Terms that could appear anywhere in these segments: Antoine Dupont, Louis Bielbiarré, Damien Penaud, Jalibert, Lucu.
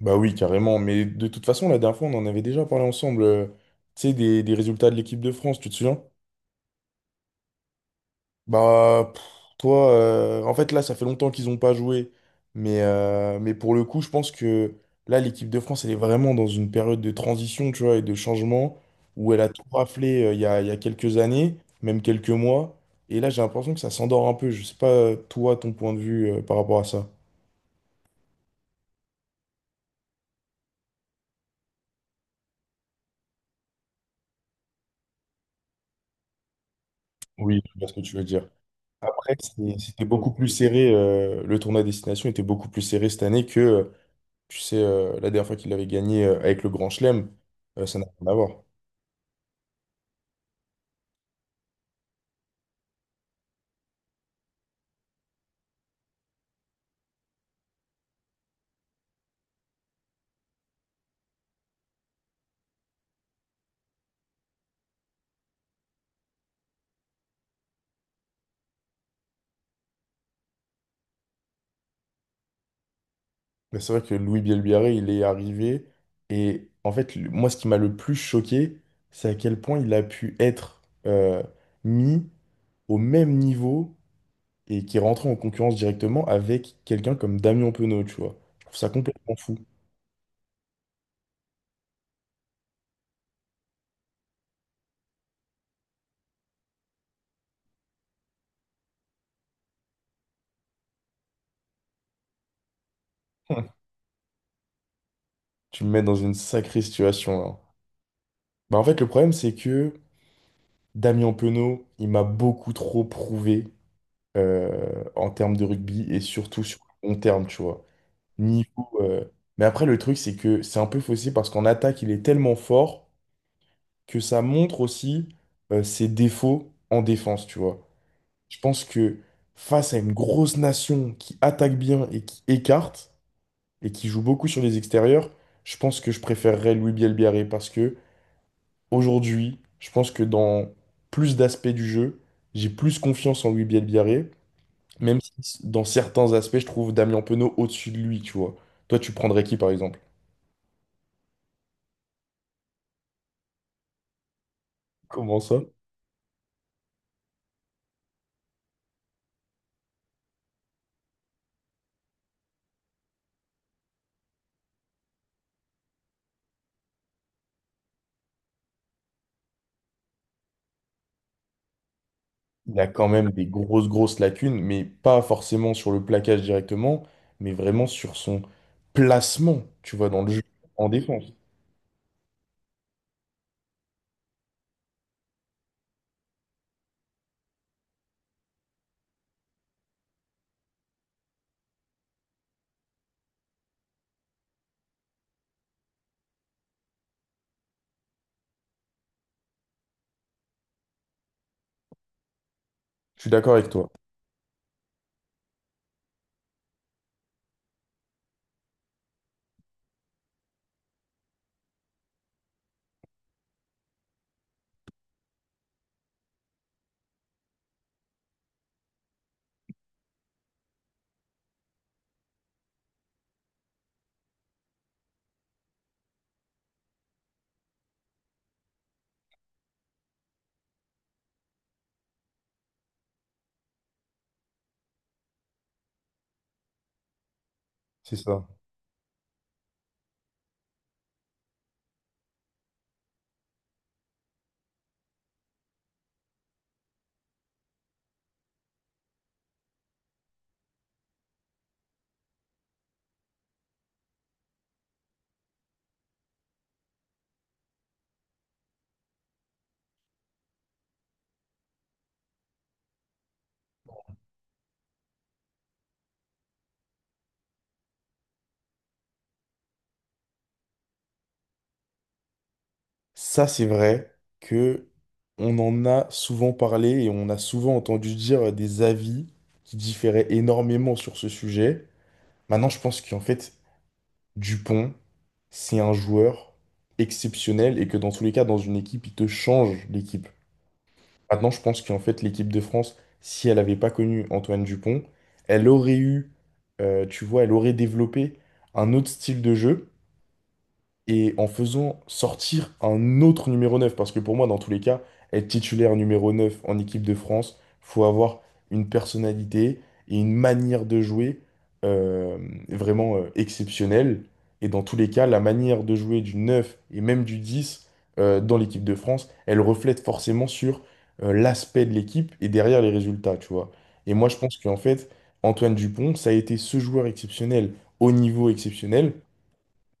Bah oui, carrément. Mais de toute façon, la dernière fois, on en avait déjà parlé ensemble. Tu sais, des résultats de l'équipe de France, tu te souviens? Bah, toi, en fait, là, ça fait longtemps qu'ils n'ont pas joué. Mais pour le coup, je pense que là, l'équipe de France, elle est vraiment dans une période de transition, tu vois, et de changement, où elle a tout raflé il y a quelques années, même quelques mois. Et là, j'ai l'impression que ça s'endort un peu. Je sais pas, toi, ton point de vue par rapport à ça. Oui, je vois ce que tu veux dire. Après, c'était beaucoup plus serré. Le tournoi à destination était beaucoup plus serré cette année que, tu sais, la dernière fois qu'il avait gagné avec le Grand Chelem, ça n'a rien à voir. Mais c'est vrai que Louis Bielbiarré, il est arrivé. Et en fait, moi, ce qui m'a le plus choqué, c'est à quel point il a pu être mis au même niveau et qui est rentré en concurrence directement avec quelqu'un comme Damien Penaud, tu vois. Je trouve ça complètement fou. Tu me mets dans une sacrée situation, là. Bah, en fait, le problème, c'est que. Damien Penaud, il m'a beaucoup trop prouvé en termes de rugby et surtout sur le long terme, tu vois. Niveau, mais après, le truc, c'est que c'est un peu faussé parce qu'en attaque, il est tellement fort que ça montre aussi ses défauts en défense, tu vois. Je pense que face à une grosse nation qui attaque bien et qui écarte et qui joue beaucoup sur les extérieurs, je pense que je préférerais Louis Bielbiaré parce que Aujourd'hui, je pense que dans plus d'aspects du jeu, j'ai plus confiance en Louis Bielbiarré, même si dans certains aspects, je trouve Damien Penaud au-dessus de lui, tu vois. Toi, tu prendrais qui, par exemple? Comment ça? Il a quand même des grosses, grosses lacunes, mais pas forcément sur le plaquage directement, mais vraiment sur son placement, tu vois, dans le jeu, en défense. Je suis d'accord avec toi. C'est ça. Ça, c'est vrai que on en a souvent parlé et on a souvent entendu dire des avis qui différaient énormément sur ce sujet. Maintenant, je pense qu'en fait, Dupont, c'est un joueur exceptionnel et que dans tous les cas, dans une équipe, il te change l'équipe. Maintenant, je pense qu'en fait, l'équipe de France, si elle n'avait pas connu Antoine Dupont, elle aurait eu, tu vois, elle aurait développé un autre style de jeu et en faisant sortir un autre numéro 9, parce que pour moi, dans tous les cas, être titulaire numéro 9 en équipe de France, faut avoir une personnalité et une manière de jouer euh, vraiment exceptionnelle. Et dans tous les cas, la manière de jouer du 9 et même du 10 dans l'équipe de France, elle reflète forcément sur l'aspect de l'équipe et derrière les résultats, tu vois. Et moi, je pense qu'en fait, Antoine Dupont, ça a été ce joueur exceptionnel, au niveau exceptionnel,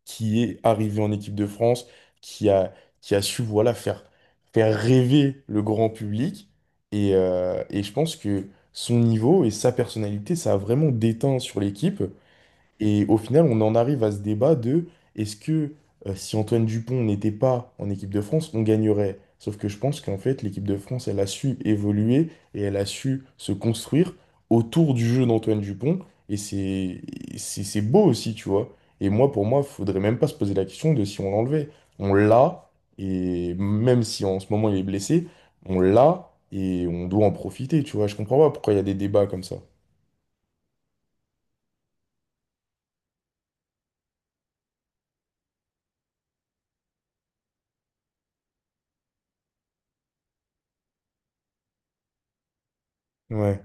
qui est arrivé en équipe de France, qui a, qui a su voilà, faire rêver le grand public. Et je pense que son niveau et sa personnalité, ça a vraiment déteint sur l'équipe. Et au final, on en arrive à ce débat de est-ce que si Antoine Dupont n'était pas en équipe de France, on gagnerait? Sauf que je pense qu'en fait, l'équipe de France, elle a su évoluer et elle a su se construire autour du jeu d'Antoine Dupont. Et c'est beau aussi, tu vois. Et moi, pour moi, faudrait même pas se poser la question de si on l'enlevait. On l'a, et même si en ce moment il est blessé, on l'a et on doit en profiter, tu vois. Je comprends pas pourquoi il y a des débats comme ça. Ouais.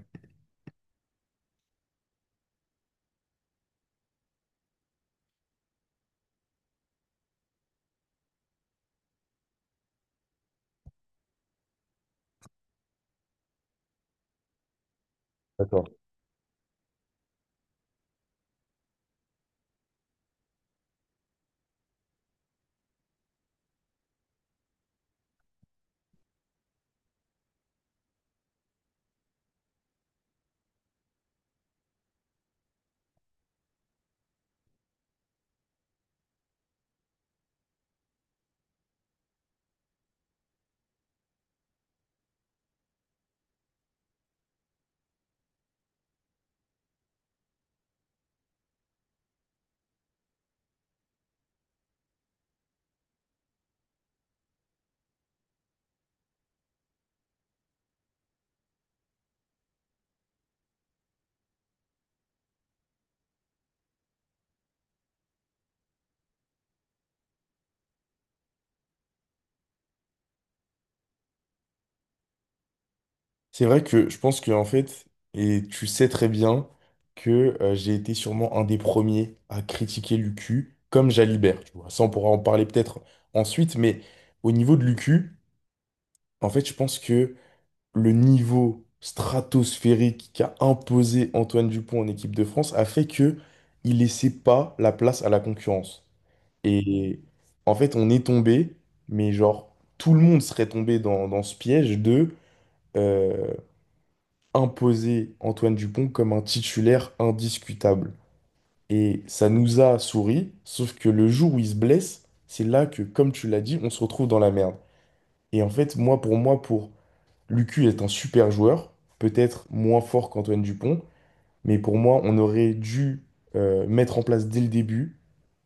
C'est vrai que je pense que en fait, et tu sais très bien que j'ai été sûrement un des premiers à critiquer Lucu comme Jalibert, tu vois. Ça, on pourra en parler peut-être ensuite, mais au niveau de Lucu, en fait, je pense que le niveau stratosphérique qu'a imposé Antoine Dupont en équipe de France a fait que il laissait pas la place à la concurrence. Et en fait, on est tombé, mais genre tout le monde serait tombé dans ce piège de euh, imposé Antoine Dupont comme un titulaire indiscutable. Et ça nous a souri, sauf que le jour où il se blesse, c'est là que, comme tu l'as dit, on se retrouve dans la merde. Et en fait, moi, pour Lucu est un super joueur, peut-être moins fort qu'Antoine Dupont, mais pour moi, on aurait dû mettre en place dès le début,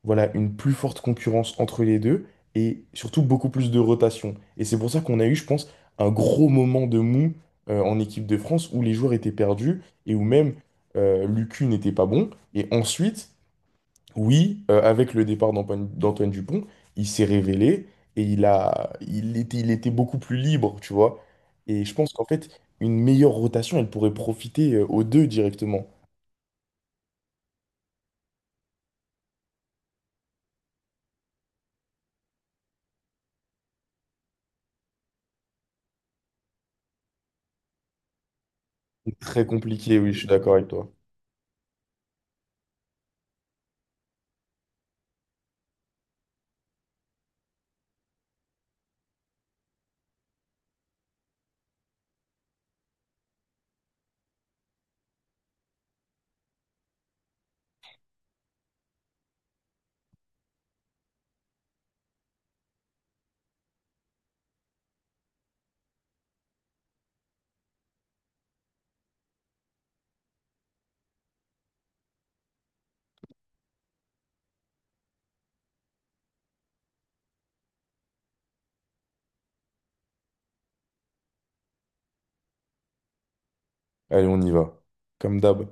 voilà, une plus forte concurrence entre les deux et surtout beaucoup plus de rotation. Et c'est pour ça qu'on a eu, je pense, un gros moment de mou en équipe de France où les joueurs étaient perdus et où même Lucu n'était pas bon. Et ensuite, oui, avec le départ d'Antoine Dupont, il s'est révélé et il était beaucoup plus libre, tu vois. Et je pense qu'en fait, une meilleure rotation, elle pourrait profiter aux deux directement. Très compliqué, oui, je suis d'accord avec toi. Allez, on y va. Comme d'hab.